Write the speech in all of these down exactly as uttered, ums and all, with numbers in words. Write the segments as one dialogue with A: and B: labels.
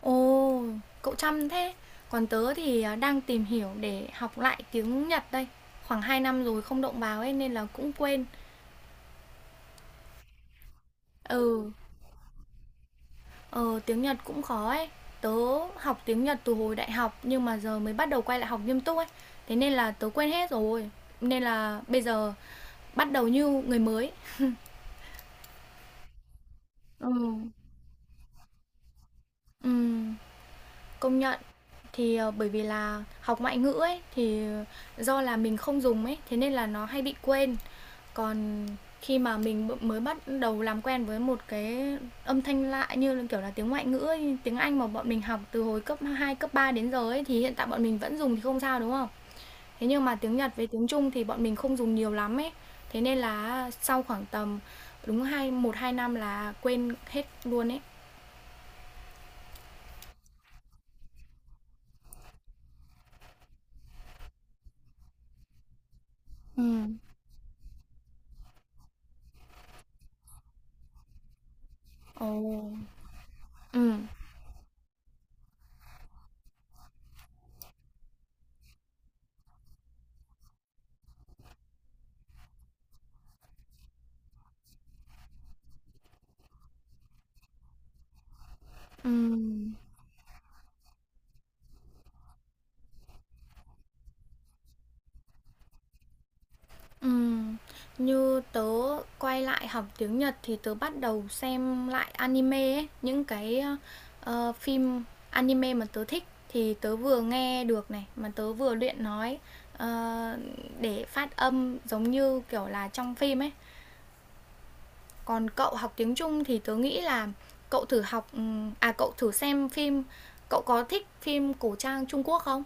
A: Ồ, cậu chăm thế. Còn tớ thì, à, đang tìm hiểu để học lại tiếng Nhật đây. Khoảng hai năm rồi không động vào ấy nên là cũng quên. Ừ, ờ, tiếng Nhật cũng khó ấy. Tớ học tiếng Nhật từ hồi đại học nhưng mà giờ mới bắt đầu quay lại học nghiêm túc ấy. Thế nên là tớ quên hết rồi. Nên là bây giờ bắt đầu như người mới. Ừ, ừ, công nhận. Thì ờ, bởi vì là học ngoại ngữ ấy thì do là mình không dùng ấy, thế nên là nó hay bị quên. Còn khi mà mình mới bắt đầu làm quen với một cái âm thanh lạ như kiểu là, tiếng ngoại ngữ ấy, tiếng Anh mà bọn mình học từ hồi cấp hai cấp ba đến giờ ấy, thì hiện tại bọn mình vẫn dùng thì không sao, đúng không? Thế nhưng mà tiếng Nhật với tiếng Trung thì bọn mình không dùng nhiều lắm ấy. Thế nên là sau khoảng tầm đúng hai một hai năm là quên hết luôn ấy. Ừ. Ồ, ừ, ừ. Ừm, Như tớ quay lại học tiếng Nhật thì tớ bắt đầu xem lại anime ấy, những cái, ờ, phim anime mà tớ thích thì tớ vừa nghe được này, mà tớ vừa luyện nói, ờ, để phát âm giống như, kiểu là, trong phim ấy. Còn cậu học tiếng Trung thì tớ nghĩ là cậu thử học, ừm à, cậu thử xem phim, cậu có thích phim cổ trang Trung Quốc không?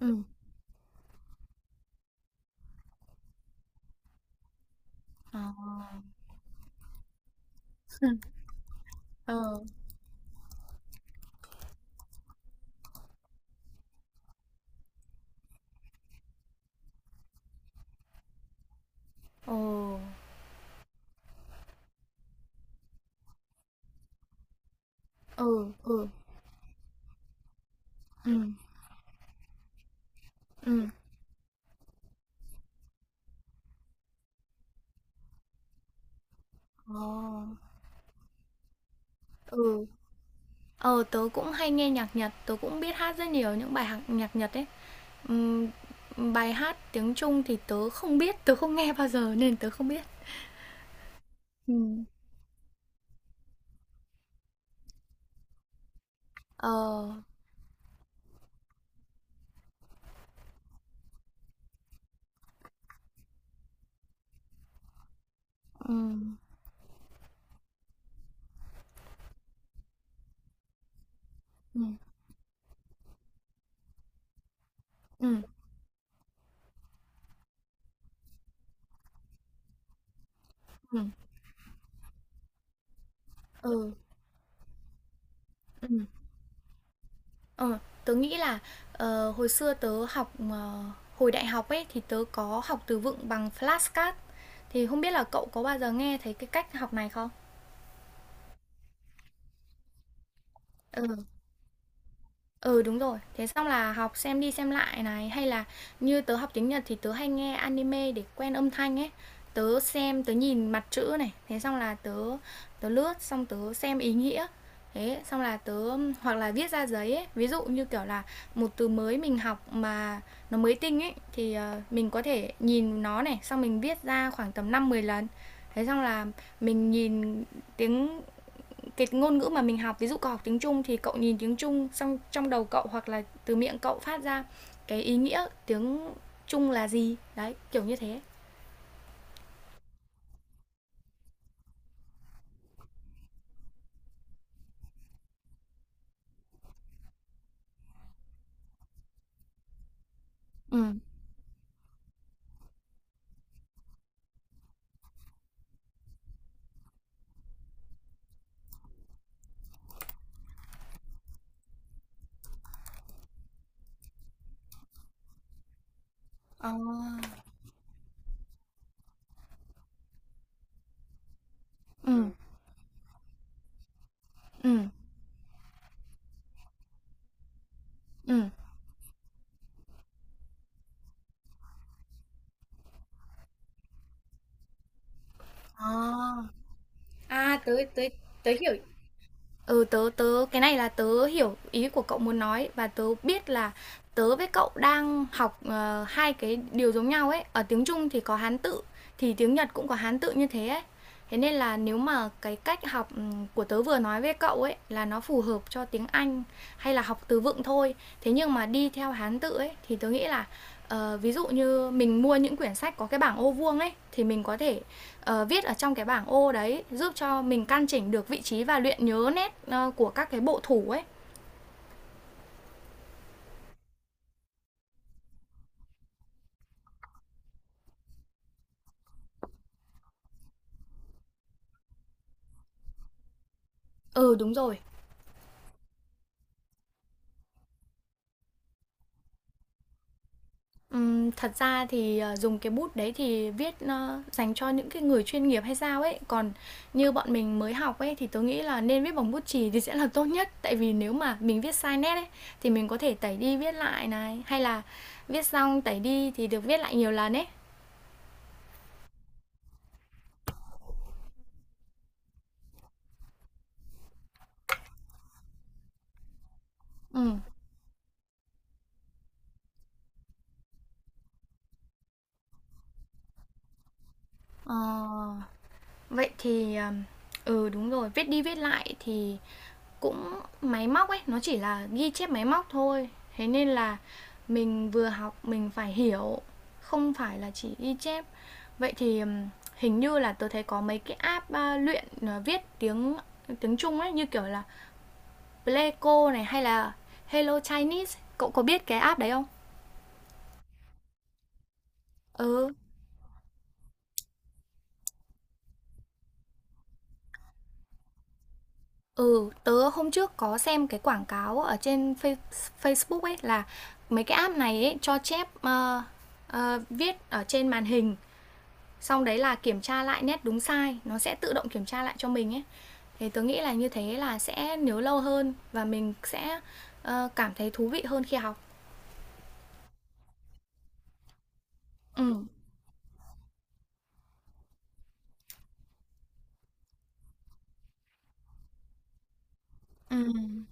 A: Ừ. Ờ. Ờ. Ồ. Ừ, ừ. Ừm, ừm. Ờ. Ừ. Ờ, tớ cũng hay nghe nhạc Nhật, tớ cũng biết hát rất nhiều những bài hạc nhạc Nhật ấy. Ừm, bài hát tiếng Trung thì tớ không biết, tớ không nghe bao giờ nên tớ không biết. Ừm. Ờ. Ừm, ừm, ừm, ừm, ừ, ừm. Ờ, tớ nghĩ là ờ, hồi xưa tớ học ờ, hồi đại học ấy thì tớ có học từ vựng bằng flashcard, thì không biết là cậu có bao giờ nghe thấy cái cách học này không? Ừ, đúng rồi. Thế xong là học xem đi xem lại này, hay là như tớ học tiếng Nhật thì tớ hay nghe anime để quen âm thanh ấy. Tớ xem, tớ nhìn mặt chữ này, thế xong là tớ tớ lướt xong tớ xem ý nghĩa. Thế xong là tớ hoặc là viết ra giấy ấy, ví dụ như kiểu là một từ mới mình học mà nó mới tinh ấy thì ờ, mình có thể nhìn nó này, xong mình viết ra khoảng tầm năm mười lần. Thế xong là mình nhìn tiếng cái ngôn ngữ mà mình học, ví dụ cậu học tiếng Trung thì cậu nhìn tiếng Trung xong trong đầu cậu hoặc là từ miệng cậu phát ra cái ý nghĩa tiếng Trung là gì đấy, kiểu như thế. Ừ. À. Ừ. Ừ. Ừ. À, à, tới tới tới hiểu Ừ, tớ tớ cái này là tớ hiểu ý của cậu muốn nói và tớ biết là tớ với cậu đang học ờ, hai cái điều giống nhau ấy. Ở tiếng Trung thì có Hán tự thì tiếng Nhật cũng có Hán tự như thế ấy. Thế nên là nếu mà cái cách học ừm, của tớ vừa nói với cậu ấy là nó phù hợp cho tiếng Anh hay là học từ vựng thôi. Thế nhưng mà đi theo Hán tự ấy thì tớ nghĩ là ờ, ví dụ như mình mua những quyển sách có cái bảng ô vuông ấy thì mình có thể ờ, viết ở trong cái bảng ô đấy, giúp cho mình căn chỉnh được vị trí và luyện nhớ nét ờ, của các cái bộ thủ ấy. Ừ, đúng rồi. Ừm, thật ra thì ờ, dùng cái bút đấy thì viết ờ, dành cho những cái người chuyên nghiệp hay sao ấy, còn như bọn mình mới học ấy thì tôi nghĩ là nên viết bằng bút chì thì sẽ là tốt nhất, tại vì nếu mà mình viết sai nét ấy thì mình có thể tẩy đi viết lại này, hay là viết xong tẩy đi thì được viết lại nhiều lần ấy. Ừ. ờ, vậy thì ừm, ừ, đúng rồi, viết đi viết lại thì cũng máy móc ấy, nó chỉ là ghi chép máy móc thôi. Thế nên là mình vừa học mình phải hiểu, không phải là chỉ ghi chép. Vậy thì hình như là tôi thấy có mấy cái app à, luyện à, viết tiếng tiếng Trung ấy, như kiểu là Pleico này hay là Hello Chinese. Cậu có biết cái app đấy không? Ừ, ừ, tớ hôm trước có xem cái quảng cáo ở trên Facebook ấy, là mấy cái app này ấy cho chép ờ, ờ, viết ở trên màn hình, xong đấy là kiểm tra lại nét đúng sai, nó sẽ tự động kiểm tra lại cho mình ấy, thì tớ nghĩ là như thế là sẽ nhớ lâu hơn và mình sẽ ờ, cảm thấy thú vị hơn khi học. Ừ. Ừ.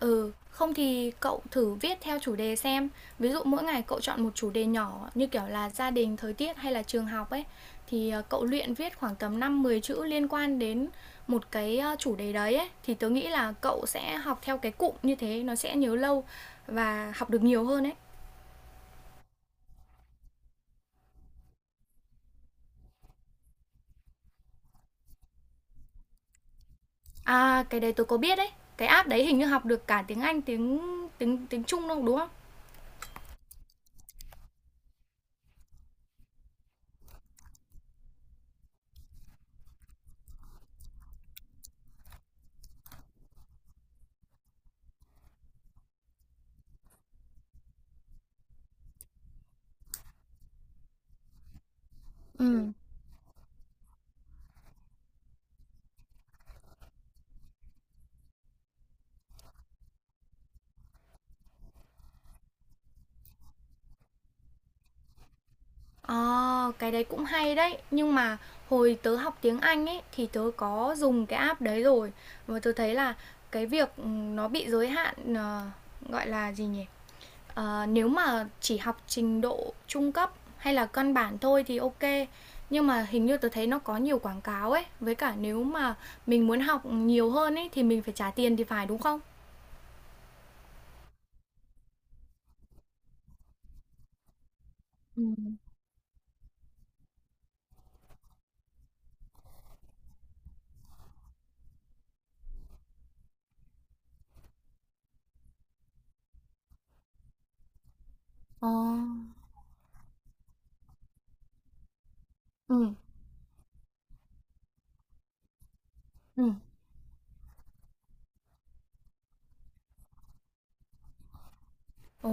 A: Ừ, không thì cậu thử viết theo chủ đề xem, ví dụ mỗi ngày cậu chọn một chủ đề nhỏ như kiểu là gia đình, thời tiết hay là trường học ấy, thì ờ, cậu luyện viết khoảng tầm năm mười chữ liên quan đến một cái ờ, chủ đề đấy ấy, thì tớ nghĩ là cậu sẽ học theo cái cụm như thế nó sẽ nhớ lâu và học được nhiều hơn ấy. À, cái đấy tôi có biết đấy. Cái app đấy hình như học được cả tiếng Anh, tiếng tiếng tiếng Trung đâu đúng không? Ừ. Ờ, cái đấy cũng hay đấy. Nhưng mà hồi tớ học tiếng Anh ấy thì tớ có dùng cái app đấy rồi. Và tớ thấy là cái việc ừ, nó bị giới hạn ờ, gọi là gì nhỉ? Ờ, nếu mà chỉ học trình độ trung cấp hay là căn bản thôi thì ok. Nhưng mà hình như tớ thấy nó có nhiều quảng cáo ấy. Với cả nếu mà mình muốn học nhiều hơn ấy thì mình phải trả tiền thì phải, đúng không? Ừ. Ờ, ừ, ừ. Ồ,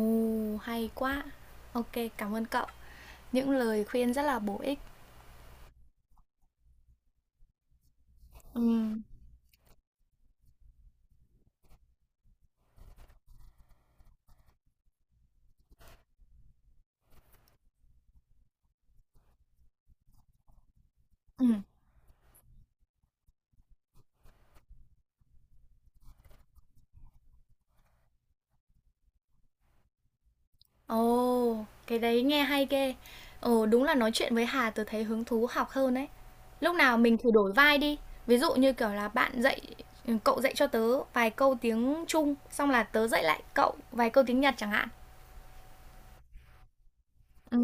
A: hay quá. Ok, cảm ơn cậu. Những lời khuyên rất là bổ ích. Ừ, ừ. Ồ, cái đấy nghe hay ghê. Ồ, đúng là nói chuyện với Hà tớ thấy hứng thú học hơn đấy. Lúc nào mình thử đổi vai đi. Ví dụ như kiểu là bạn dạy, ừ, cậu dạy cho tớ vài câu tiếng Trung, xong là tớ dạy lại cậu vài câu tiếng Nhật chẳng hạn. Ừ.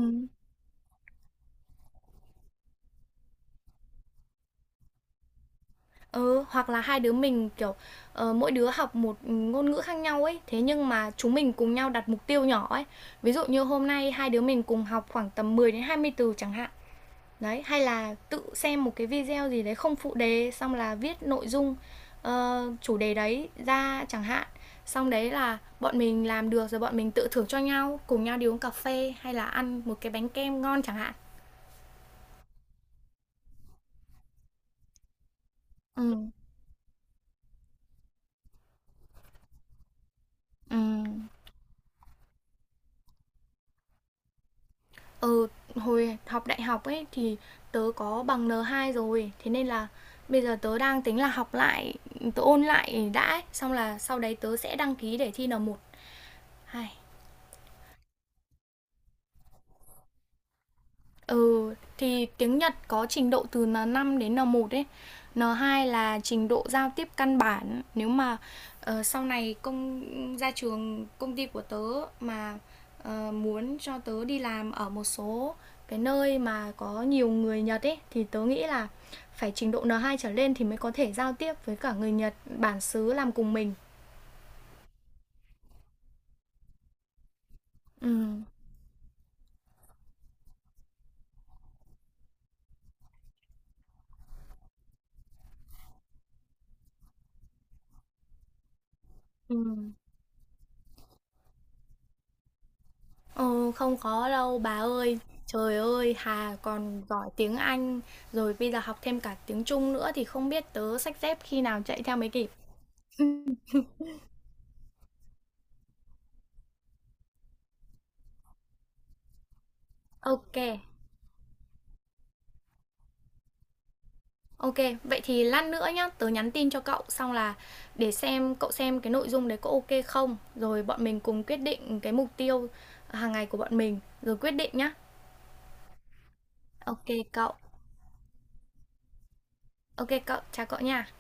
A: Ừ, hoặc là hai đứa mình, kiểu, ờ, mỗi đứa học một ngôn ngữ khác nhau ấy, thế nhưng mà chúng mình cùng nhau đặt mục tiêu nhỏ ấy. Ví dụ như hôm nay hai đứa mình cùng học khoảng tầm mười đến hai mươi từ chẳng hạn. Đấy, hay là tự xem một cái video gì đấy không phụ đề, xong là viết nội dung ờ, chủ đề đấy ra chẳng hạn. Xong đấy là bọn mình làm được rồi bọn mình tự thưởng cho nhau, cùng nhau đi uống cà phê hay là ăn một cái bánh kem ngon chẳng hạn. Ừ, ừ. Ừ, hồi học đại học ấy thì tớ có bằng n hai rồi, thế nên là bây giờ tớ đang tính là học lại, tớ ôn lại đã ấy. Xong là sau đấy tớ sẽ đăng ký để thi n một. Hai. Ừ, thì tiếng Nhật có trình độ từ n năm đến n một ấy. N hai là trình độ giao tiếp căn bản. Nếu mà ờ, sau này công ra trường, công ty của tớ mà ờ, muốn cho tớ đi làm ở một số cái nơi mà có nhiều người Nhật ấy, thì tớ nghĩ là phải trình độ n hai trở lên thì mới có thể giao tiếp với cả người Nhật bản xứ làm cùng mình. Ừ, ừ. Ờ, không có đâu bà ơi. Trời ơi, Hà còn giỏi tiếng Anh, rồi bây giờ học thêm cả tiếng Trung nữa thì không biết tớ xách dép khi nào chạy theo mới kịp. Ok, ok. Vậy thì lát nữa nhá, tớ nhắn tin cho cậu xong là để xem cậu xem cái nội dung đấy có ok không, rồi bọn mình cùng quyết định cái mục tiêu hàng ngày của bọn mình, rồi quyết định nhá. Ok cậu. Ok cậu, chào cậu nha.